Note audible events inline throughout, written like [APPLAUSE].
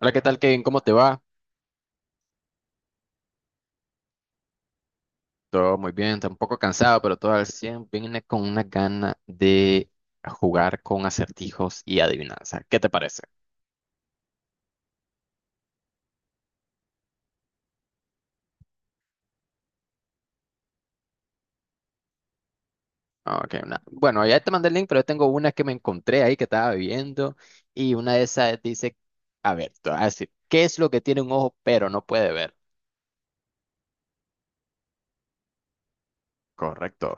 Hola, ¿qué tal, Kevin? ¿Cómo te va? Todo muy bien, está un poco cansado, pero todo al 100. Viene con una gana de jugar con acertijos y adivinanza. ¿Qué te parece? Bueno, ya te mandé el link, pero yo tengo una que me encontré ahí que estaba viendo y una de esas dice, a ver, te voy a decir, ¿qué es lo que tiene un ojo pero no puede ver? Correcto.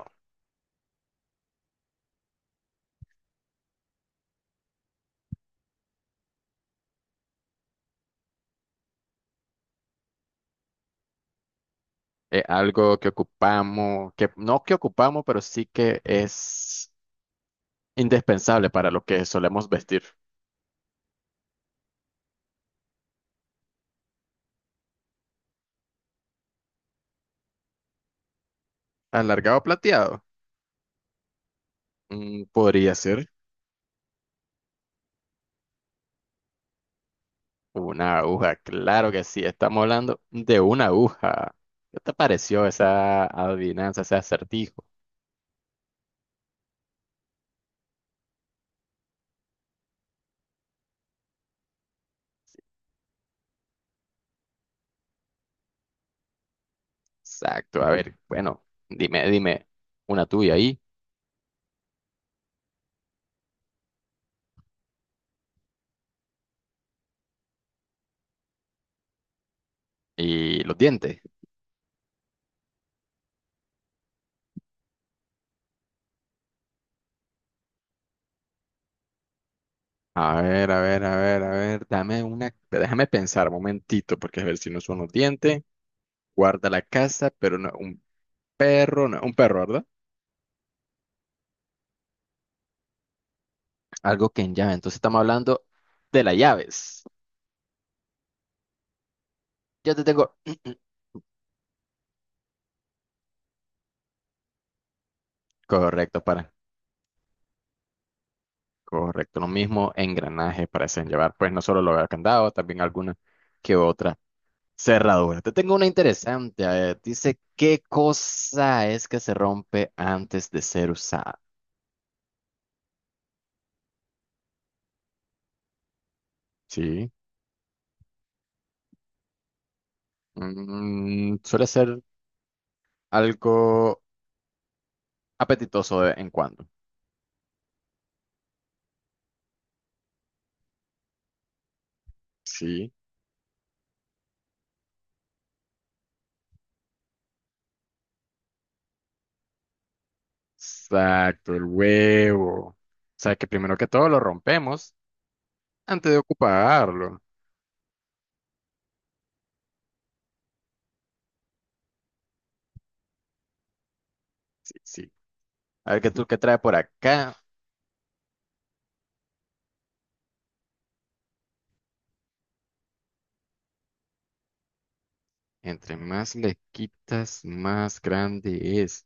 Es algo que ocupamos, que no que ocupamos, pero sí que es indispensable para lo que solemos vestir. ¿Alargado o plateado? Mm, podría ser. Una aguja, claro que sí, estamos hablando de una aguja. ¿Qué te pareció esa adivinanza, ese acertijo? Exacto, a ver, bueno, dime una tuya ahí y los dientes. A ver, a ver, dame una, déjame pensar un momentito, porque a ver si no son los dientes, guarda la casa, pero no, un perro, no, un perro, ¿verdad? Algo que en llave, entonces estamos hablando de las llaves. Yo te tengo, [CLEARS THROAT] correcto, para correcto, lo mismo engranajes parecen llevar, pues no solo los candados, también alguna que otra cerradura. Te tengo una interesante, a ver, dice, ¿qué cosa es que se rompe antes de ser usada? Sí, mm, suele ser algo apetitoso de vez en cuando. Sí, exacto, el huevo. O sea, que primero que todo lo rompemos antes de ocuparlo. Sí, sí. A ver, ¿qué tú qué trae por acá? Entre más le quitas, más grande es.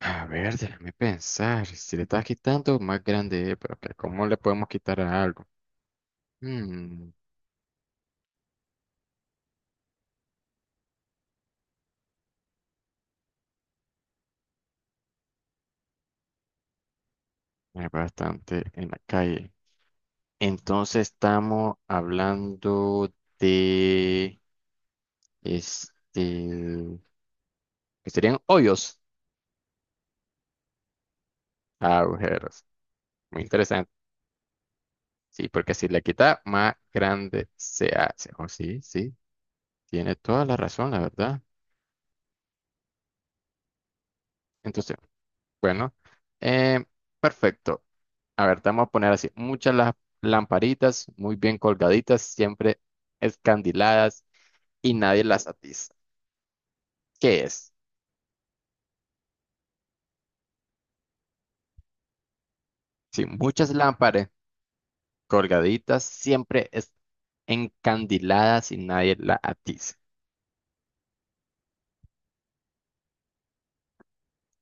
A ver, déjame pensar. Si le estás quitando, más grande es. Pero que ¿cómo le podemos quitar a algo? Hmm, hay bastante en la calle. Entonces estamos hablando de este, que serían hoyos, agujeros. Muy interesante. Sí, porque si le quita, más grande se hace. Oh, sí, sí, tiene toda la razón, la verdad. Entonces, bueno, eh, perfecto. A ver, te vamos a poner así, muchas las lamparitas muy bien colgaditas, siempre escandiladas y nadie las atiza. ¿Qué es? Sí, muchas lámparas colgaditas, siempre es encandiladas y nadie la atiza.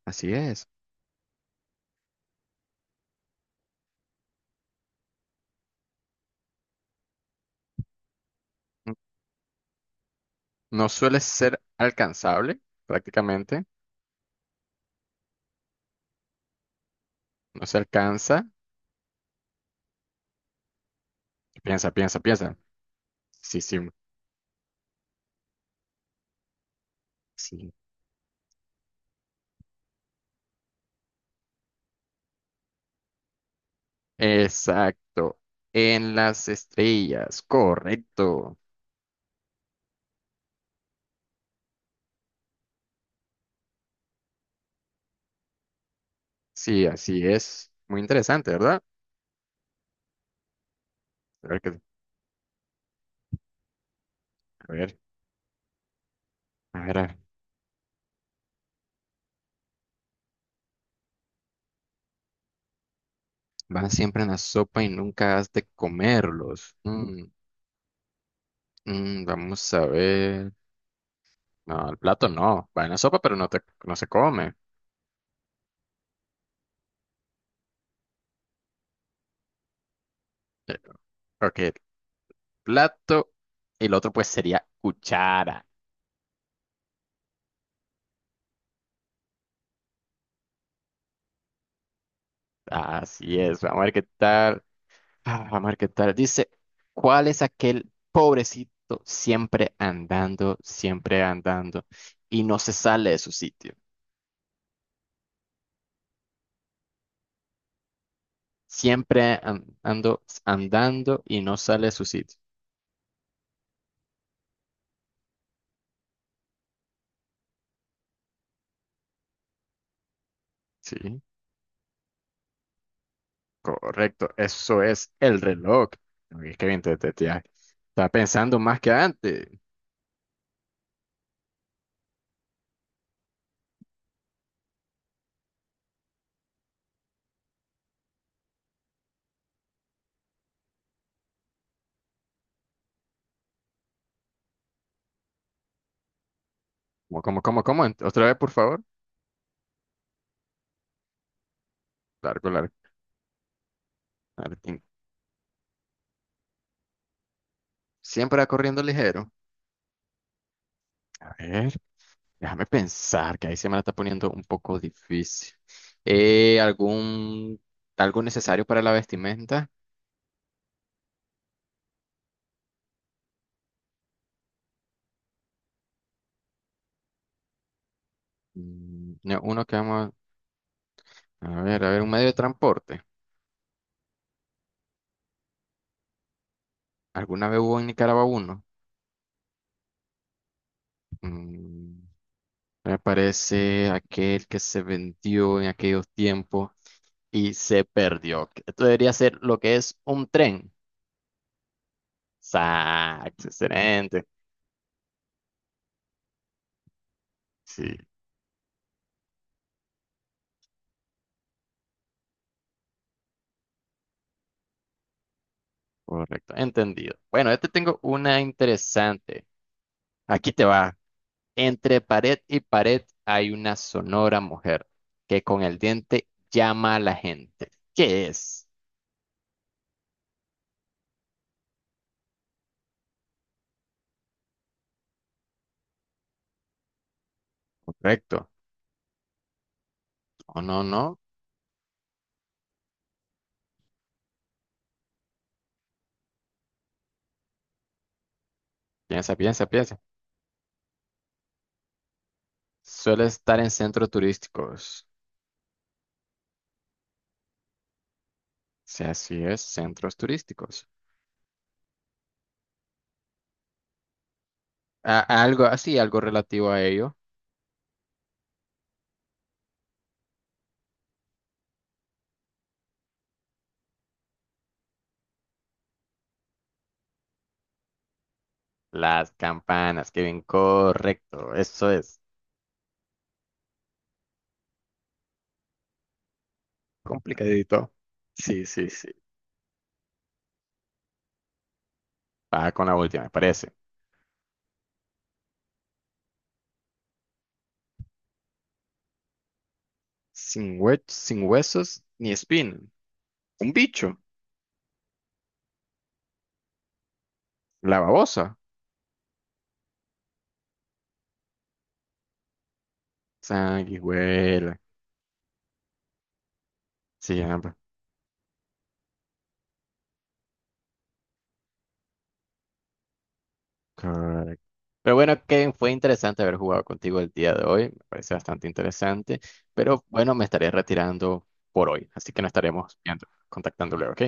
Así es. N- No suele ser alcanzable, prácticamente. No se alcanza. Piensa, piensa, piensa. Sí, sí, sí. Exacto. En las estrellas, correcto. Sí, así es. Muy interesante, ¿verdad? A ver, a ver, a ver. Van siempre en la sopa y nunca has de comerlos. Mm, vamos a ver. No, el plato no. Va en la sopa, pero no se come. Eh, Ok, plato. Y el otro pues sería cuchara. Así es. Vamos a ver qué tal. Ah, vamos a ver qué tal. Dice, ¿cuál es aquel pobrecito siempre andando y no se sale de su sitio? Siempre an- ando andando y no sale a su sitio. Sí, correcto. Eso es el reloj. Uy, qué bien estaba pensando más que antes. ¿Cómo? Otra vez, por favor. Largo, largo. Largo. Siempre va corriendo ligero. A ver, déjame pensar, que ahí se me la está poniendo un poco difícil. Eh, ¿algún, algo necesario para la vestimenta? Mm, no, uno que vamos a ver, un medio de transporte. ¿Alguna vez hubo en Nicaragua uno? Mm, me parece aquel que se vendió en aquellos tiempos y se perdió. Esto debería ser lo que es un tren. Exacto, excelente. Sí, correcto, entendido. Bueno, yo te tengo una interesante. Aquí te va. Entre pared y pared hay una sonora mujer que con el diente llama a la gente. ¿Qué es? Correcto. No, no, no. Piensa, piensa, piensa. Suele estar en centros turísticos. Sí, así es, centros turísticos. Algo así, algo relativo a ello. Las campanas, que bien, correcto. Eso es complicadito. Sí, sí, sí. Va con la última, me parece. Sin huesos ni espina. Un bicho. La babosa. Sanguijuela. Sí, ambas. Correcto. Pero bueno, Kevin, fue interesante haber jugado contigo el día de hoy. Me parece bastante interesante. Pero bueno, me estaré retirando por hoy. Así que nos estaremos viendo, contactando luego, ¿ok?